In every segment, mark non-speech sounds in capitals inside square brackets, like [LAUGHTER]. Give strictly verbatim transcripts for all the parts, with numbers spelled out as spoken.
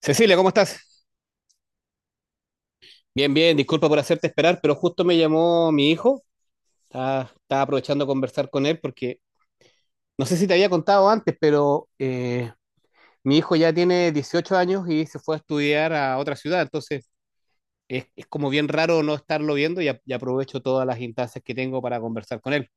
Cecilia, ¿cómo estás? Bien, bien, disculpa por hacerte esperar, pero justo me llamó mi hijo. Estaba, estaba aprovechando de conversar con él porque no sé si te había contado antes, pero eh, mi hijo ya tiene dieciocho años y se fue a estudiar a otra ciudad. Entonces es, es como bien raro no estarlo viendo y, a- y aprovecho todas las instancias que tengo para conversar con él.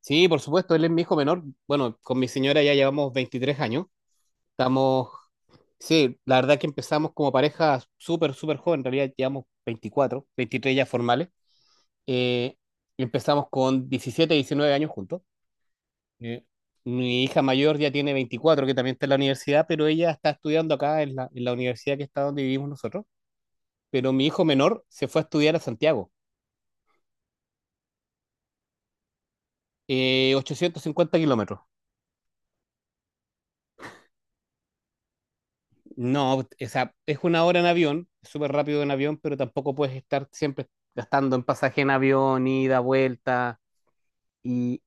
Sí, por supuesto, él es mi hijo menor. Bueno, con mi señora ya llevamos veintitrés años. Estamos, sí, la verdad que empezamos como pareja súper, súper joven. En realidad llevamos veinticuatro, veintitrés ya formales. Eh, empezamos con diecisiete diecinueve años juntos. Eh, mi hija mayor ya tiene veinticuatro que también está en la universidad, pero ella está estudiando acá en la, en la universidad que está donde vivimos nosotros. Pero mi hijo menor se fue a estudiar a Santiago, eh, ochocientos cincuenta kilómetros. No, o sea, es una hora en avión, es súper rápido en avión, pero tampoco puedes estar siempre gastando en pasaje en avión, ida, vuelta. Y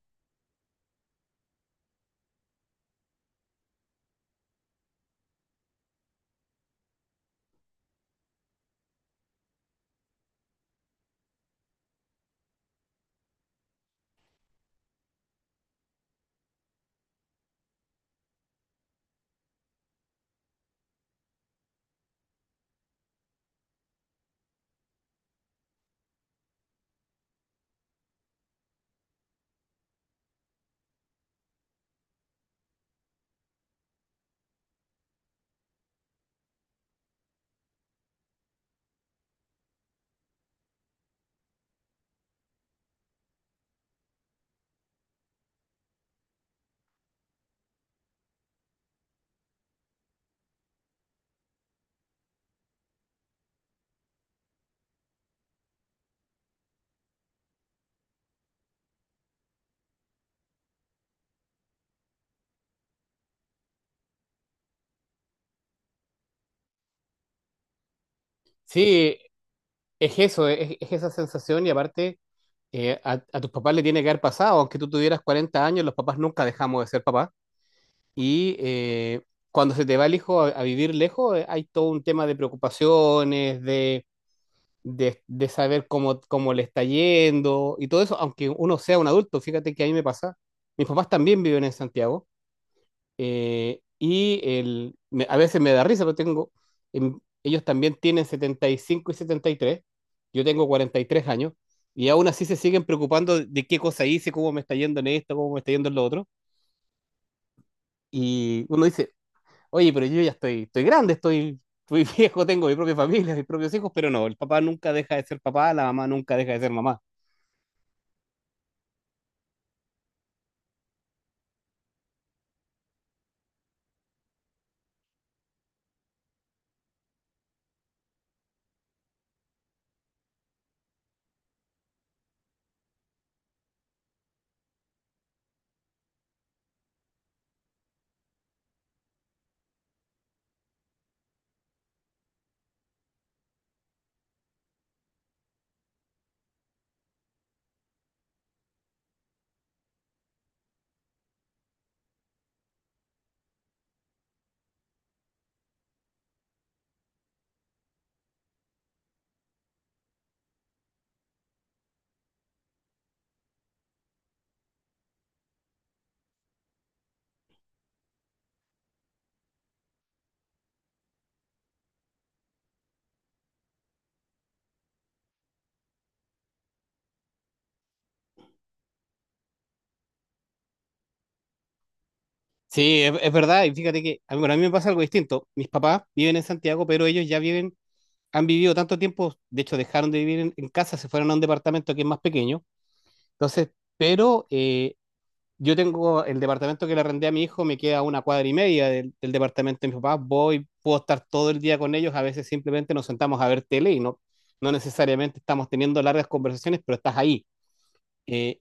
sí, es eso, es, es esa sensación y aparte eh, a, a tus papás le tiene que haber pasado, aunque tú tuvieras cuarenta años, los papás nunca dejamos de ser papás y eh, cuando se te va el hijo a, a vivir lejos eh, hay todo un tema de preocupaciones, de, de, de saber cómo, cómo le está yendo y todo eso, aunque uno sea un adulto, fíjate que a mí me pasa, mis papás también viven en Santiago eh, y el, me- a veces me da risa, pero tengo, em, ellos también tienen setenta y cinco y y setenta y tres, yo tengo cuarenta y tres años, y aún así se siguen preocupando de qué cosa hice, cómo me está yendo en esto, cómo me está yendo en lo otro. Y uno dice, oye, pero yo ya estoy, estoy grande, estoy, estoy [LAUGHS] viejo, tengo mi propia familia, mis propios hijos, pero no, el papá nunca deja de ser papá, la mamá nunca deja de ser mamá. Sí, es, es verdad, y fíjate que a mí, bueno, a mí me pasa algo distinto. Mis papás viven en Santiago, pero ellos ya viven han vivido tanto tiempo, de hecho dejaron de vivir en, en casa, se fueron a un departamento que es más pequeño. Entonces, pero eh, yo tengo el departamento que le arrendé a mi hijo, me queda a una cuadra y media del, del departamento de mis papás, voy, puedo estar todo el día con ellos, a veces simplemente nos sentamos a ver tele y no, no necesariamente estamos teniendo largas conversaciones, pero estás ahí. Eh,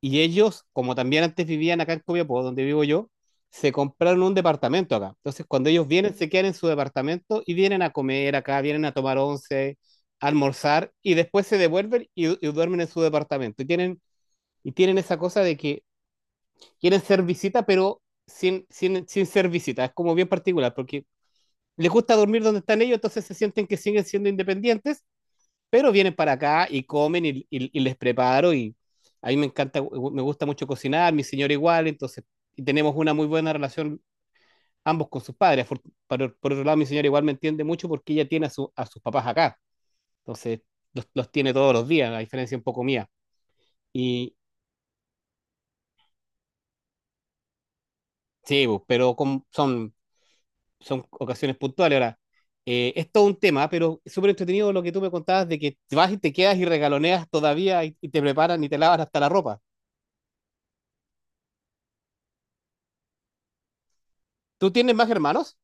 Y ellos, como también antes vivían acá en Copiapó, donde vivo yo, se compraron un departamento acá. Entonces, cuando ellos vienen, se quedan en su departamento y vienen a comer acá, vienen a tomar once, a almorzar y después se devuelven y, y duermen en su departamento. Y tienen, y tienen esa cosa de que quieren ser visita, pero sin, sin, sin ser visita. Es como bien particular, porque les gusta dormir donde están ellos, entonces se sienten que siguen siendo independientes, pero vienen para acá y comen y, y, y les preparo y a mí me encanta, me gusta mucho cocinar, mi señora igual, entonces y tenemos una muy buena relación ambos con sus padres. Por, por, por otro lado, mi señora igual me entiende mucho porque ella tiene a, su, a sus papás acá, entonces los, los, tiene todos los días, la diferencia un poco mía. Y sí, pues, pero con, son, son ocasiones puntuales. Ahora, eh, es todo un tema, pero es súper entretenido lo que tú me contabas de que vas y te quedas y regaloneas todavía y, y te preparan y te lavas hasta la ropa. ¿Tú tienes más hermanos?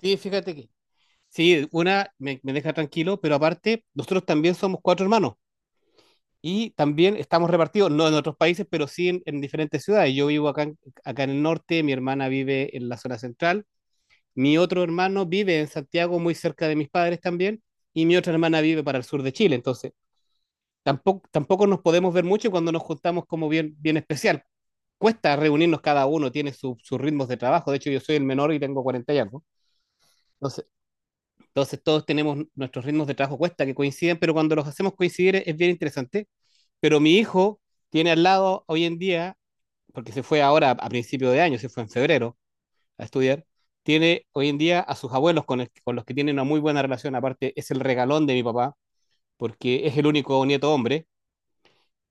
Sí, fíjate que. Sí, una me, me deja tranquilo, pero aparte, nosotros también somos cuatro hermanos y también estamos repartidos, no en otros países, pero sí en, en diferentes ciudades. Yo vivo acá, en- acá en el norte, mi hermana vive en la zona central, mi otro hermano vive en Santiago, muy cerca de mis padres también, y mi otra hermana vive para el sur de Chile. Entonces, tampoco, tampoco nos podemos ver mucho cuando nos juntamos como bien, bien especial. Cuesta reunirnos cada uno, tiene su- sus ritmos de trabajo. De hecho, yo soy el menor y tengo cuarenta y algo. Entonces todos tenemos nuestros ritmos de trabajo cuesta que coinciden, pero cuando los hacemos coincidir es bien interesante. Pero mi hijo tiene al lado hoy en día, porque se fue ahora a principio de año, se fue en febrero a estudiar, tiene hoy en día a sus abuelos con, el, con los que tiene una muy buena relación, aparte es el regalón de mi papá, porque es el único nieto hombre,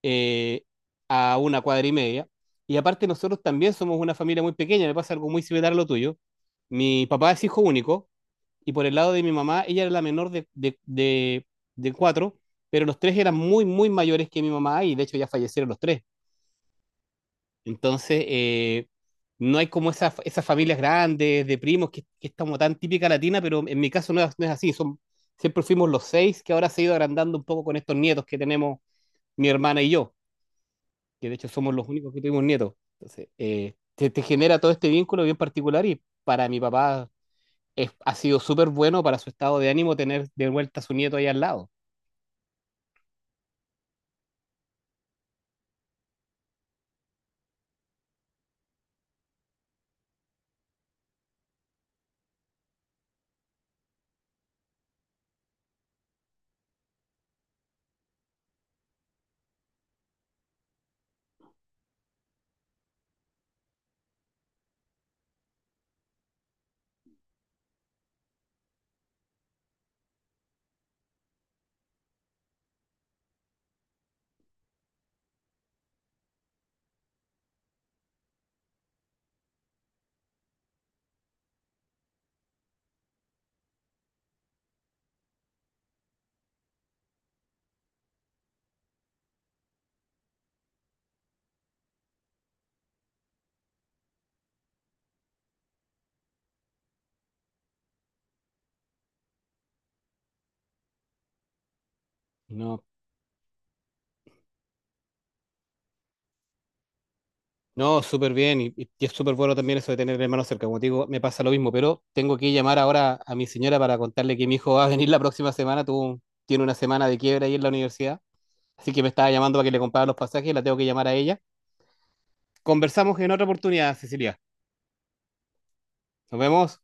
eh, a una cuadra y media. Y aparte nosotros también somos una familia muy pequeña, me pasa algo muy similar a lo tuyo. Mi papá es hijo único, y por el lado de mi mamá, ella era la menor de, de, de, de cuatro, pero los tres eran muy, muy mayores que mi mamá y de hecho ya fallecieron los tres. Entonces, eh, no hay como esas, esas familias grandes de primos que, que es como tan típica latina, pero en mi caso no es, no es así. Son, siempre fuimos los seis, que ahora se ha ido agrandando un poco con estos nietos que tenemos mi hermana y yo, que de hecho somos los únicos que tuvimos nietos. Entonces, eh, te, te genera todo este vínculo bien particular y para mi papá es, ha sido súper bueno para su estado de ánimo tener de vuelta a su nieto ahí al lado. No, no, súper bien y, y es súper bueno también eso de tener hermanos cerca. Como te digo, me pasa lo mismo, pero tengo que llamar ahora a mi señora para contarle que mi hijo va a venir la próxima semana. Tuvo, tiene una semana de quiebra ahí en la universidad, así que me estaba llamando para que le comprara los pasajes, y la tengo que llamar a ella. Conversamos en otra oportunidad, Cecilia. Nos vemos.